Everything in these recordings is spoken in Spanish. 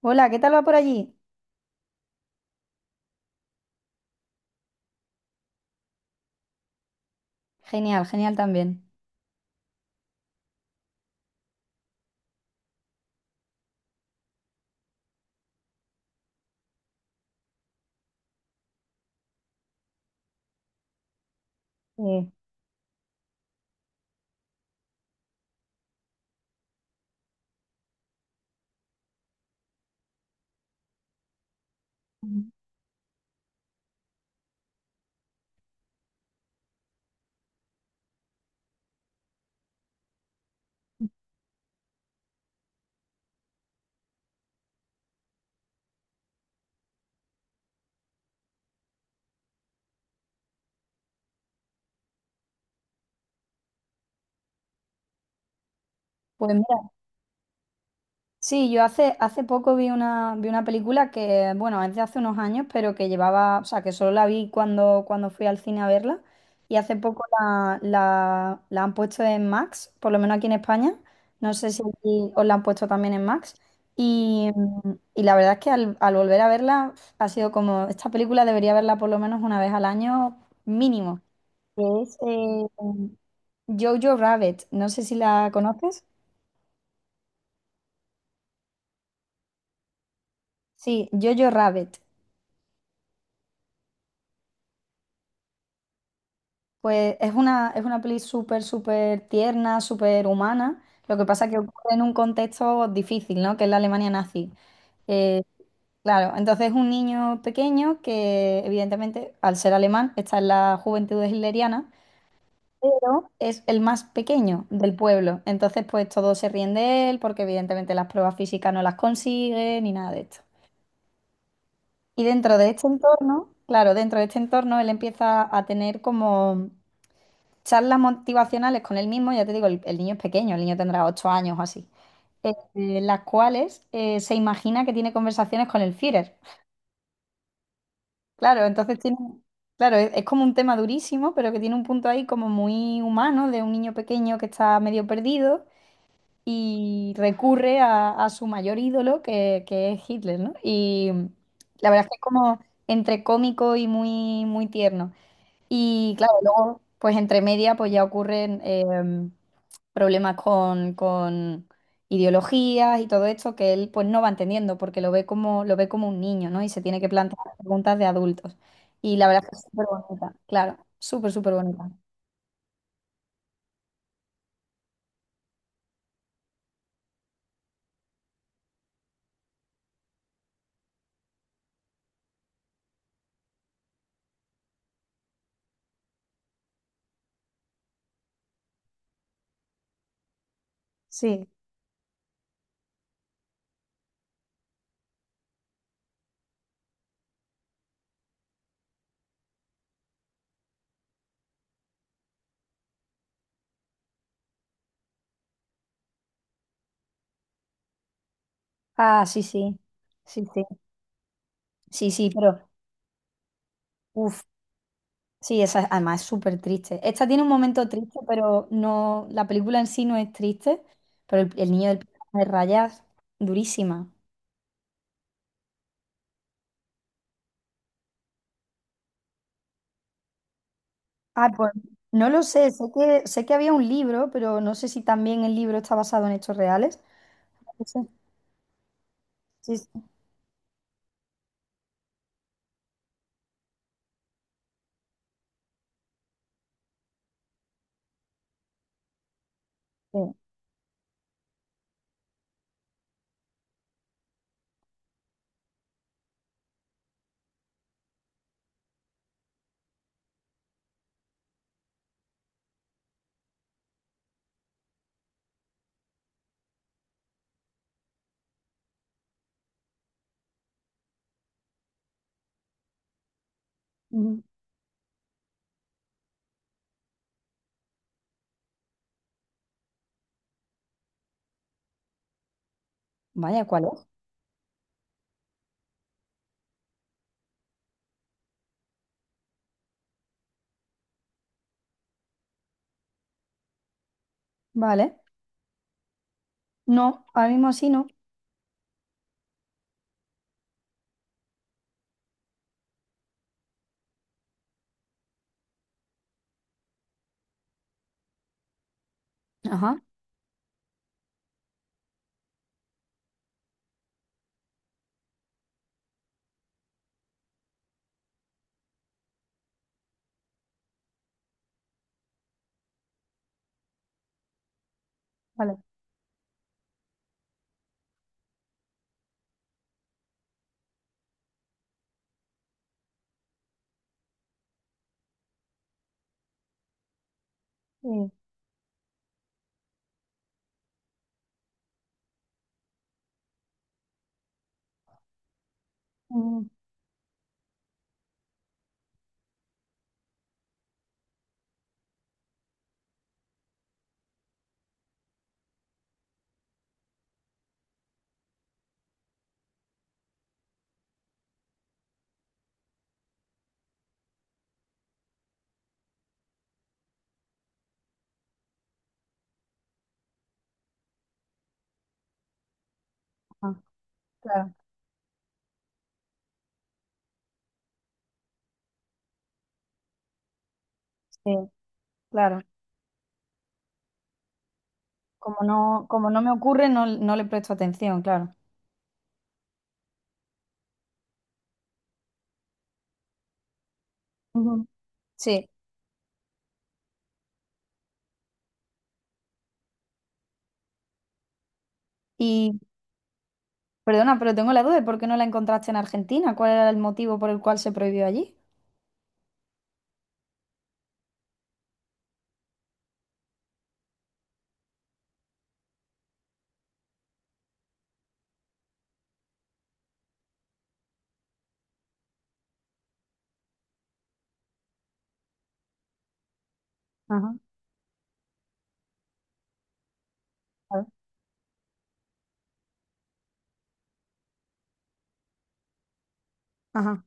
Hola, ¿qué tal va por allí? Genial, genial también. Eh, Pues mira, sí, yo hace poco vi una película que, bueno, es de hace unos años, pero que llevaba, o sea, que solo la vi cuando fui al cine a verla. Y hace poco la han puesto en Max, por lo menos aquí en España. No sé si aquí os la han puesto también en Max. Y la verdad es que al volver a verla ha sido como, esta película debería verla por lo menos una vez al año mínimo. Que es, Jojo Rabbit, no sé si la conoces. Sí, Jojo Rabbit. Pues es una peli súper, súper tierna, súper humana. Lo que pasa que ocurre en un contexto difícil, ¿no? Que es la Alemania nazi. Eh, claro, entonces es un niño pequeño que, evidentemente, al ser alemán, está en la juventud hitleriana, pero es el más pequeño del pueblo. Entonces, pues todos se ríen de él porque, evidentemente, las pruebas físicas no las consigue ni nada de esto. Y dentro de este entorno, claro, dentro de este entorno él empieza a tener como charlas motivacionales con él mismo, ya te digo, el niño es pequeño, el niño tendrá ocho años o así, las cuales se imagina que tiene conversaciones con el Führer. Claro, entonces tiene, claro, es como un tema durísimo, pero que tiene un punto ahí como muy humano de un niño pequeño que está medio perdido y recurre a su mayor ídolo, que es Hitler, ¿no? Y la verdad es que es como entre cómico y muy, muy tierno. Y claro, luego, pues entre media, pues ya ocurren problemas con ideologías y todo esto que él pues no va entendiendo porque lo ve como un niño, ¿no? Y se tiene que plantear preguntas de adultos. Y la verdad es que es súper bonita, claro, súper, súper bonita. Sí. Ah, sí, sí. Sí, sí. Sí, sí, pero... Uff. Sí, esa es- además es súper triste. Esta tiene un momento triste, pero no, la película en sí no es triste, pero el niño del pijama de rayas, durísima. Ah, pues no lo sé, sé que había un libro, pero no sé si también el libro está basado en hechos reales. No sé. Sí, sí, sí. Ujú. Vaya, ¿cuál es? Vale. No, ahora mismo sí no. Ajá, vale. Sí. Mm, ah, claro, sí, claro. Como no me ocurre, no, no le presto atención, claro. Ujú. Sí. Perdona, pero tengo la duda de por qué no la encontraste en Argentina. ¿Cuál era el motivo por el cual se prohibió allí? Ajá, a ajá.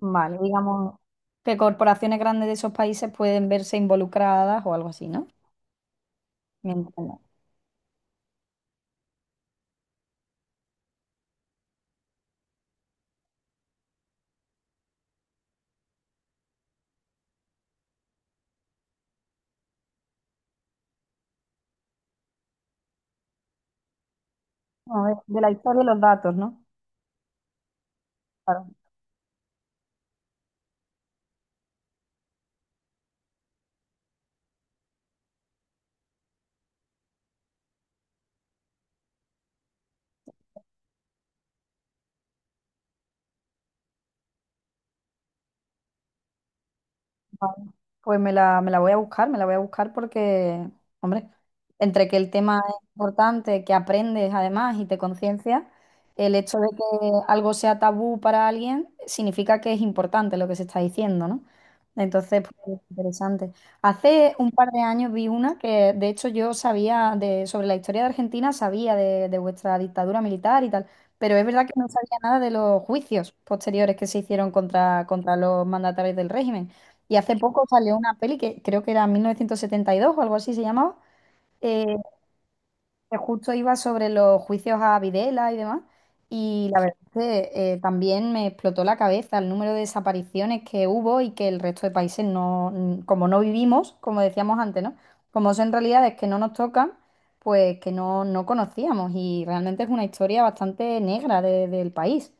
Vale, digamos que corporaciones grandes de esos países pueden verse involucradas o algo así, ¿no? Me entiendo. A ver, de la historia y los datos, ¿no? Vale. Pues me la voy a buscar, me la voy a buscar porque, hombre, entre que el tema es importante, que aprendes además y te conciencias, el hecho de que algo sea tabú para alguien significa que es importante lo que se está diciendo, ¿no? Entonces, pues, interesante. Hace un par de años vi una que, de hecho, yo sabía de, sobre la historia de Argentina, sabía de vuestra dictadura militar y tal, pero es verdad que no sabía nada de los juicios posteriores que se hicieron contra, contra los mandatarios del régimen. Y hace poco salió una peli que creo que era 1972 o algo así se llamaba, eh, que justo iba sobre los juicios a Videla y demás. Y la verdad es que también me explotó la cabeza el número de desapariciones que hubo y que el resto de países como no vivimos, como decíamos antes, ¿no? Como son realidades que no nos tocan, pues que no, no conocíamos. Y realmente es una historia bastante negra de- del país.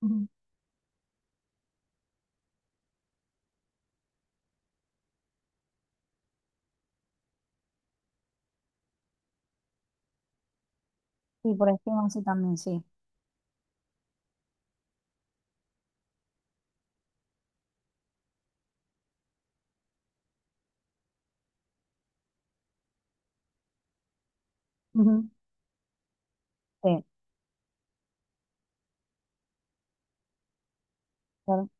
Ujú. Y por encima sí también, sí. Ujú. Sí, claro.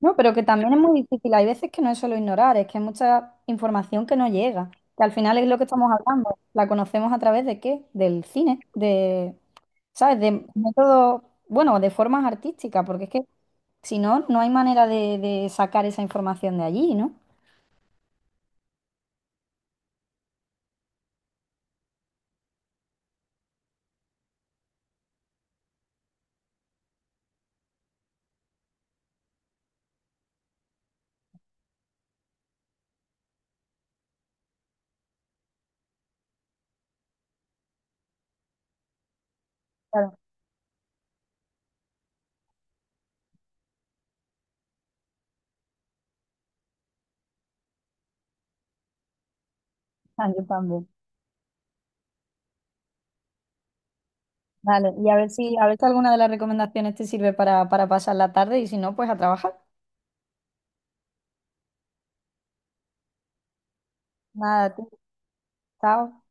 No, pero que también es muy difícil. Hay veces que no es solo ignorar, es que hay mucha información que no llega. Que al final es lo que estamos hablando. La conocemos a través de qué? Del cine, de, ¿sabes? De métodos, bueno, de formas artísticas, porque es que si no, no hay manera de sacar esa información de allí, ¿no? Claro, ah, yo también. Vale, y a ver si alguna de las recomendaciones te sirve para pasar la tarde y si no, pues a trabajar. Nada, tú, chao.